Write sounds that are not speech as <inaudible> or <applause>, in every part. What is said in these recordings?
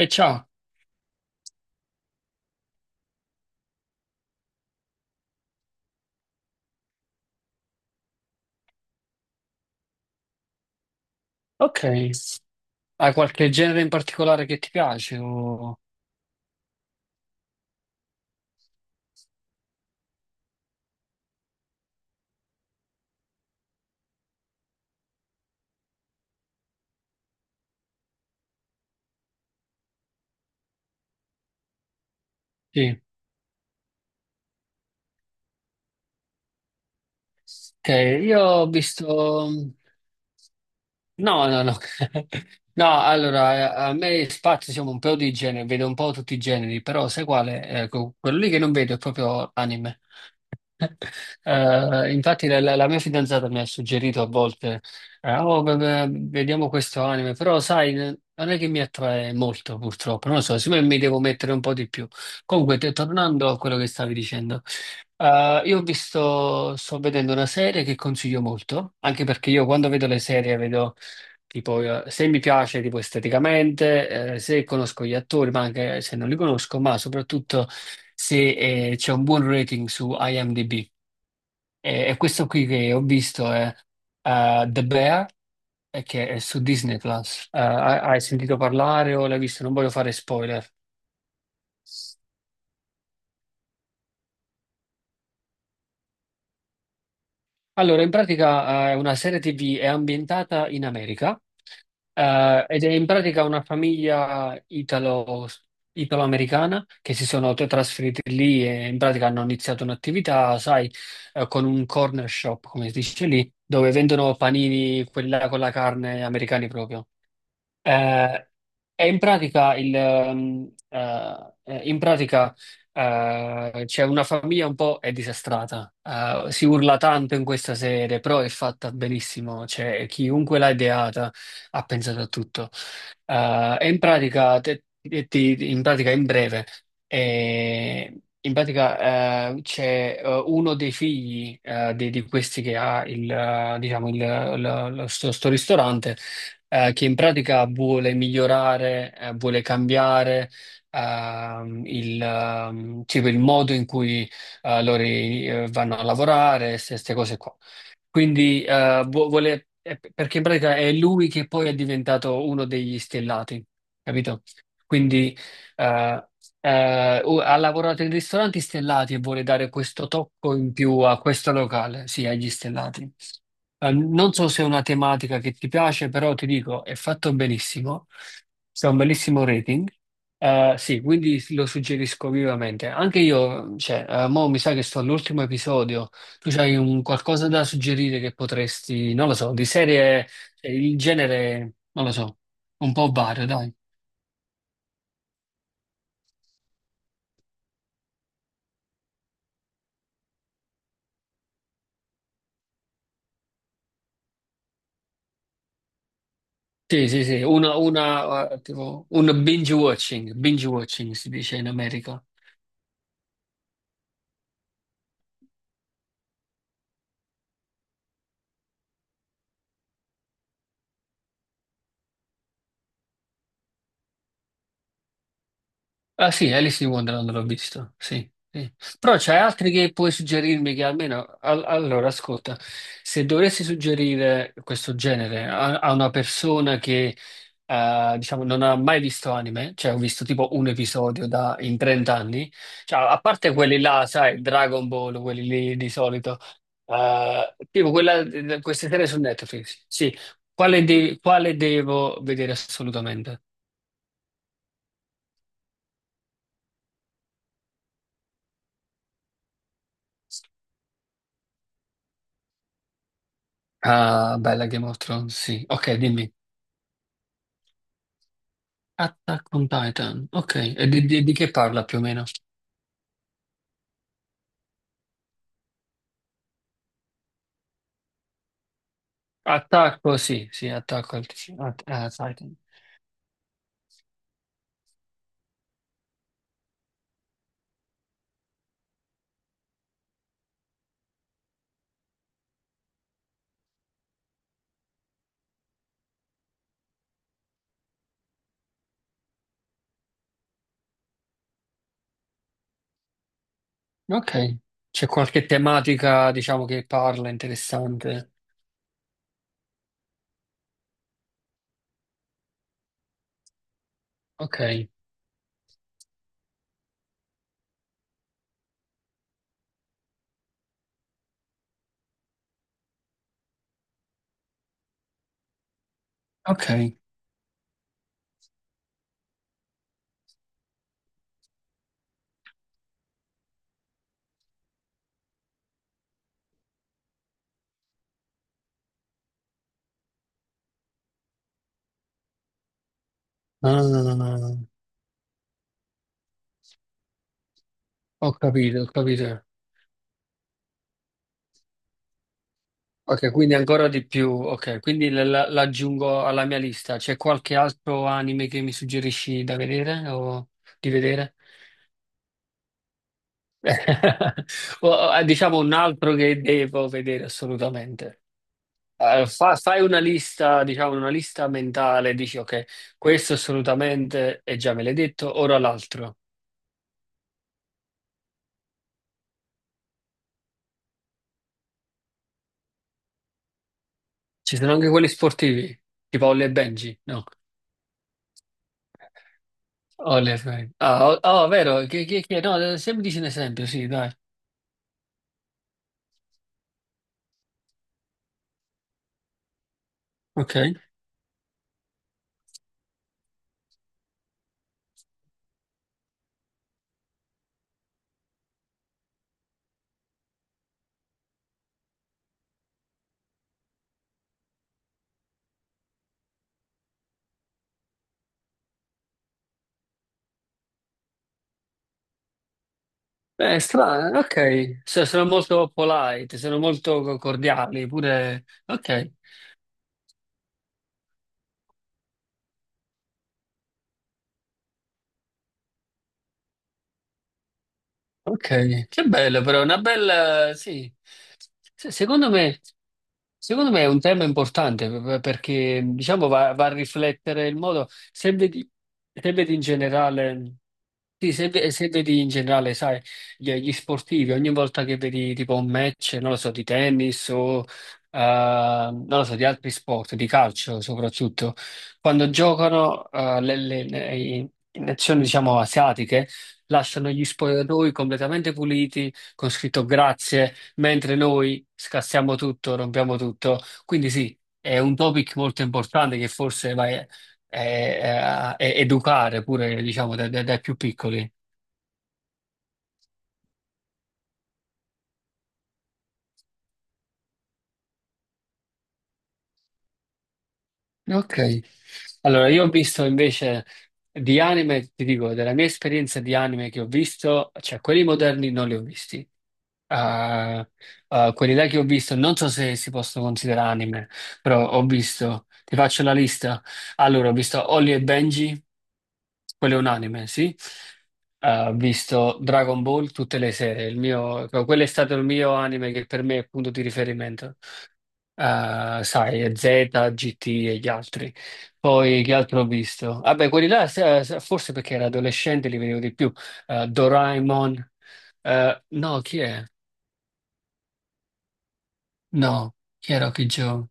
E ciao, ok. Hai qualche genere in particolare che ti piace? Sì, ok. Io ho visto. No, no, no. <laughs> No, allora, a me spazio siamo un po' di generi, vedo un po' tutti i generi, però sai quale? Ecco, quello lì che non vedo è proprio anime. Infatti la mia fidanzata mi ha suggerito a volte, "Oh, beh, vediamo questo anime, però sai, non è che mi attrae molto purtroppo, non lo so, siccome mi devo mettere un po' di più." Comunque, tornando a quello che stavi dicendo, io ho visto, sto vedendo una serie che consiglio molto, anche perché io quando vedo le serie vedo. Tipo, se mi piace tipo esteticamente, se conosco gli attori, ma anche se non li conosco, ma soprattutto se c'è un buon rating su IMDb. E, questo qui che ho visto è The Bear, che è su Disney Plus. Hai sentito parlare o l'hai visto? Non voglio fare spoiler. Allora, in pratica, è una serie TV, è ambientata in America, ed è in pratica una famiglia italo-americana che si sono trasferiti lì e in pratica hanno iniziato un'attività, sai, con un corner shop, come si dice lì, dove vendono panini, quella con la carne americani proprio. Eh, è in pratica c'è una famiglia un po' è disastrata. Si urla tanto in questa serie, però è fatta benissimo. Cioè, chiunque l'ha ideata ha pensato a tutto. E in pratica, in pratica, in breve, eh, c'è uno dei figli di questi che ha diciamo, il, lo- lo- lo- sto sto ristorante, che in pratica vuole migliorare, vuole cambiare tipo il modo in cui loro vanno a lavorare, queste cose qua. Quindi, perché in pratica è lui che poi è diventato uno degli stellati, capito? Quindi eh, ha lavorato in ristoranti stellati e vuole dare questo tocco in più a questo locale, sì, agli stellati. Non so se è una tematica che ti piace, però ti dico, è fatto benissimo, c'è un bellissimo rating. Sì, quindi lo suggerisco vivamente. Anche io, cioè, mo mi sa che sto all'ultimo episodio. Tu c'hai un qualcosa da suggerire che potresti, non lo so, di serie, cioè, il genere, non lo so, un po' vario, dai. Sì, sì, sì, una, tipo, un binge watching si dice in America. Ah sì, Alice in Wonderland l'ho visto, sì, sì. Però c'è altri che puoi suggerirmi che allora, ascolta, se dovessi suggerire questo genere a una persona che, diciamo, non ha mai visto anime, cioè ho visto tipo un episodio in 30 anni, cioè, a parte quelli là, sai, Dragon Ball, quelli lì di solito, eh, tipo quella, queste serie su Netflix, sì, quale devo vedere assolutamente? Ah, bella Game of Thrones, sì. Ok, dimmi. Attack on Titan, ok. E di che parla più o meno? Attacco, sì, sì, attacco a- a Titan. Ok. C'è qualche tematica, diciamo, che parla interessante? Ok, ok. Ah, ho capito, ho capito. Ok, quindi ancora di più. Ok, quindi l'aggiungo alla mia lista. C'è qualche altro anime che mi suggerisci da vedere o di vedere? <laughs> Oh, Diciamo un altro che devo vedere assolutamente. Fai una lista, diciamo una lista mentale, dici ok, questo assolutamente, e già me l'hai detto, ora l'altro. Ci sono anche quelli sportivi, tipo Olle e Benji, no? Olle e Benji. Ah, oh, oh, vero, no, se mi dici un esempio, sì, dai. Ok. Strano, ok. Sono molto polite, sono molto cordiali, pure. Ok, ok. Che bello, però, una bella. Sì. Secondo me è un tema importante perché diciamo, va a riflettere il modo, se vedi, in generale, sì, se vedi in generale, sai, gli sportivi, ogni volta che vedi tipo un match, non lo so, di tennis o non lo so, di altri sport, di calcio soprattutto, quando giocano nazioni diciamo asiatiche, lasciano gli spogliatoi completamente puliti, con scritto grazie mentre noi scassiamo tutto, rompiamo tutto. Quindi sì, è un topic molto importante che forse vai educare pure, diciamo, dai più piccoli. Ok. Allora, io ho visto invece di anime, ti dico, della mia esperienza di anime che ho visto, cioè quelli moderni non li ho visti. Ah, ah, quelli là che ho visto, non so se si possono considerare anime, però ho visto, ti faccio la lista. Allora, ho visto Holly e Benji. Quello è un anime, sì. Ho visto Dragon Ball tutte le sere. Il mio, cioè, quello è stato il mio anime che per me è punto di riferimento. Sai, Z, GT e gli altri. Poi che altro ho visto? Vabbè, quelli là, forse perché ero adolescente, li vedevo di più. Doraemon. No, chi è? No, chi era Okidjo?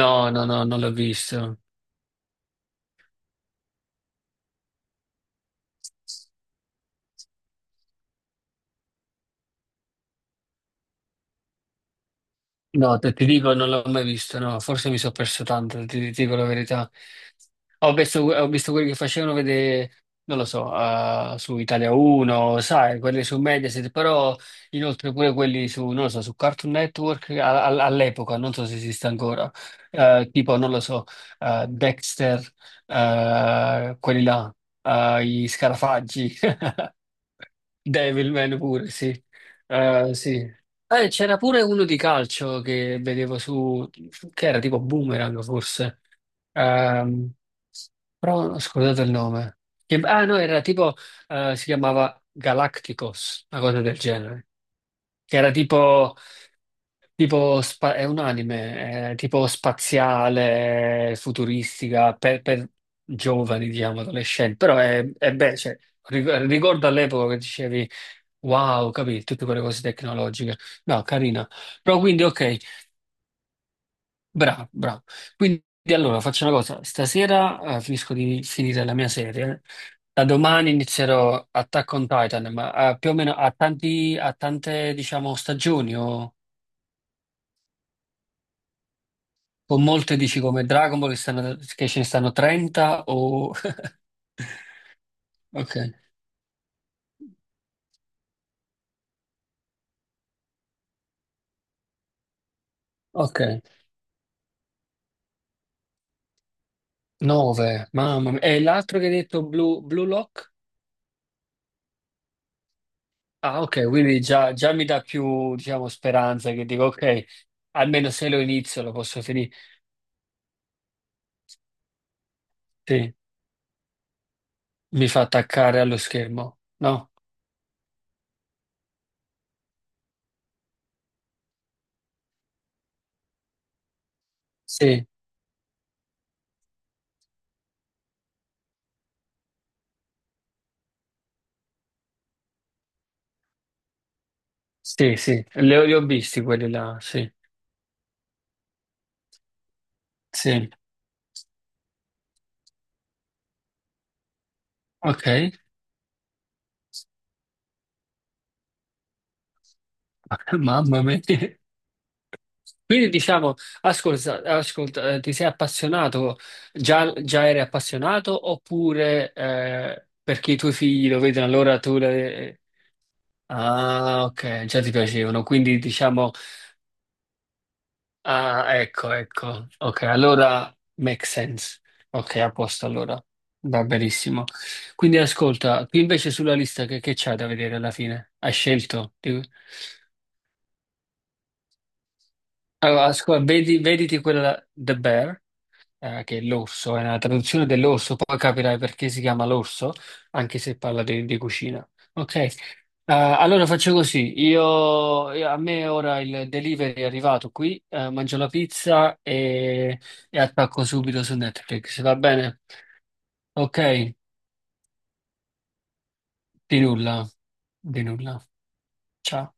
No, no, no, non l'ho visto. No, ti dico, non l'ho mai visto, no, forse mi sono perso tanto, ti dico la verità. Ho visto quelli che facevano vedere, non lo so, su Italia 1, sai, quelli su Mediaset, però inoltre pure quelli su, non lo so, su Cartoon Network all'epoca, non so se esiste ancora, tipo, non lo so, Dexter, quelli là, gli Scarafaggi. <laughs> Devilman pure, sì. Sì. C'era pure uno di calcio che vedevo su, che era tipo Boomerang forse. Ehm, Però ho scordato il nome. Ah no, era tipo, si chiamava Galacticos, una cosa del genere. Che era tipo, è un anime, tipo spaziale, futuristica, per giovani, diciamo, adolescenti. Però è bello, cioè, ricordo all'epoca che dicevi. Wow, ho capito, tutte quelle cose tecnologiche. No, carina. Però quindi, ok, bravo, bravo. Quindi allora faccio una cosa, stasera, finisco di finire la mia serie, da domani inizierò Attack on Titan, ma, più o meno a tante, diciamo, stagioni o con molte dici come Dragon Ball che ce ne stanno 30 o. <laughs> Ok, ok, 9, mamma mia. E l'altro che hai detto, Blue Lock? Ah, ok, quindi già mi dà più, diciamo, speranza che dico, ok, almeno se lo inizio lo posso finire. Sì, mi fa attaccare allo schermo, no? Sì, sì, sì, li ho visti quelli là, sì, sì, ok, <laughs> mamma mia. Quindi diciamo, ascolta, ti sei appassionato, già eri appassionato oppure, perché i tuoi figli lo vedono allora tu. Ah, ok, già ti piacevano, quindi diciamo. Ah, ecco, ecco. Ok, allora make sense. Ok, a posto allora. Va benissimo. Quindi ascolta, qui invece sulla lista che c'hai da vedere alla fine? Hai scelto? Allora, ascolta, vedi, vediti quella The Bear, che è l'orso, è una traduzione dell'orso, poi capirai perché si chiama l'orso, anche se parla di cucina. Ok. Allora faccio così, a me ora il delivery è arrivato qui, mangio la pizza e attacco subito su Netflix, va bene? Ok, di nulla, di nulla. Ciao.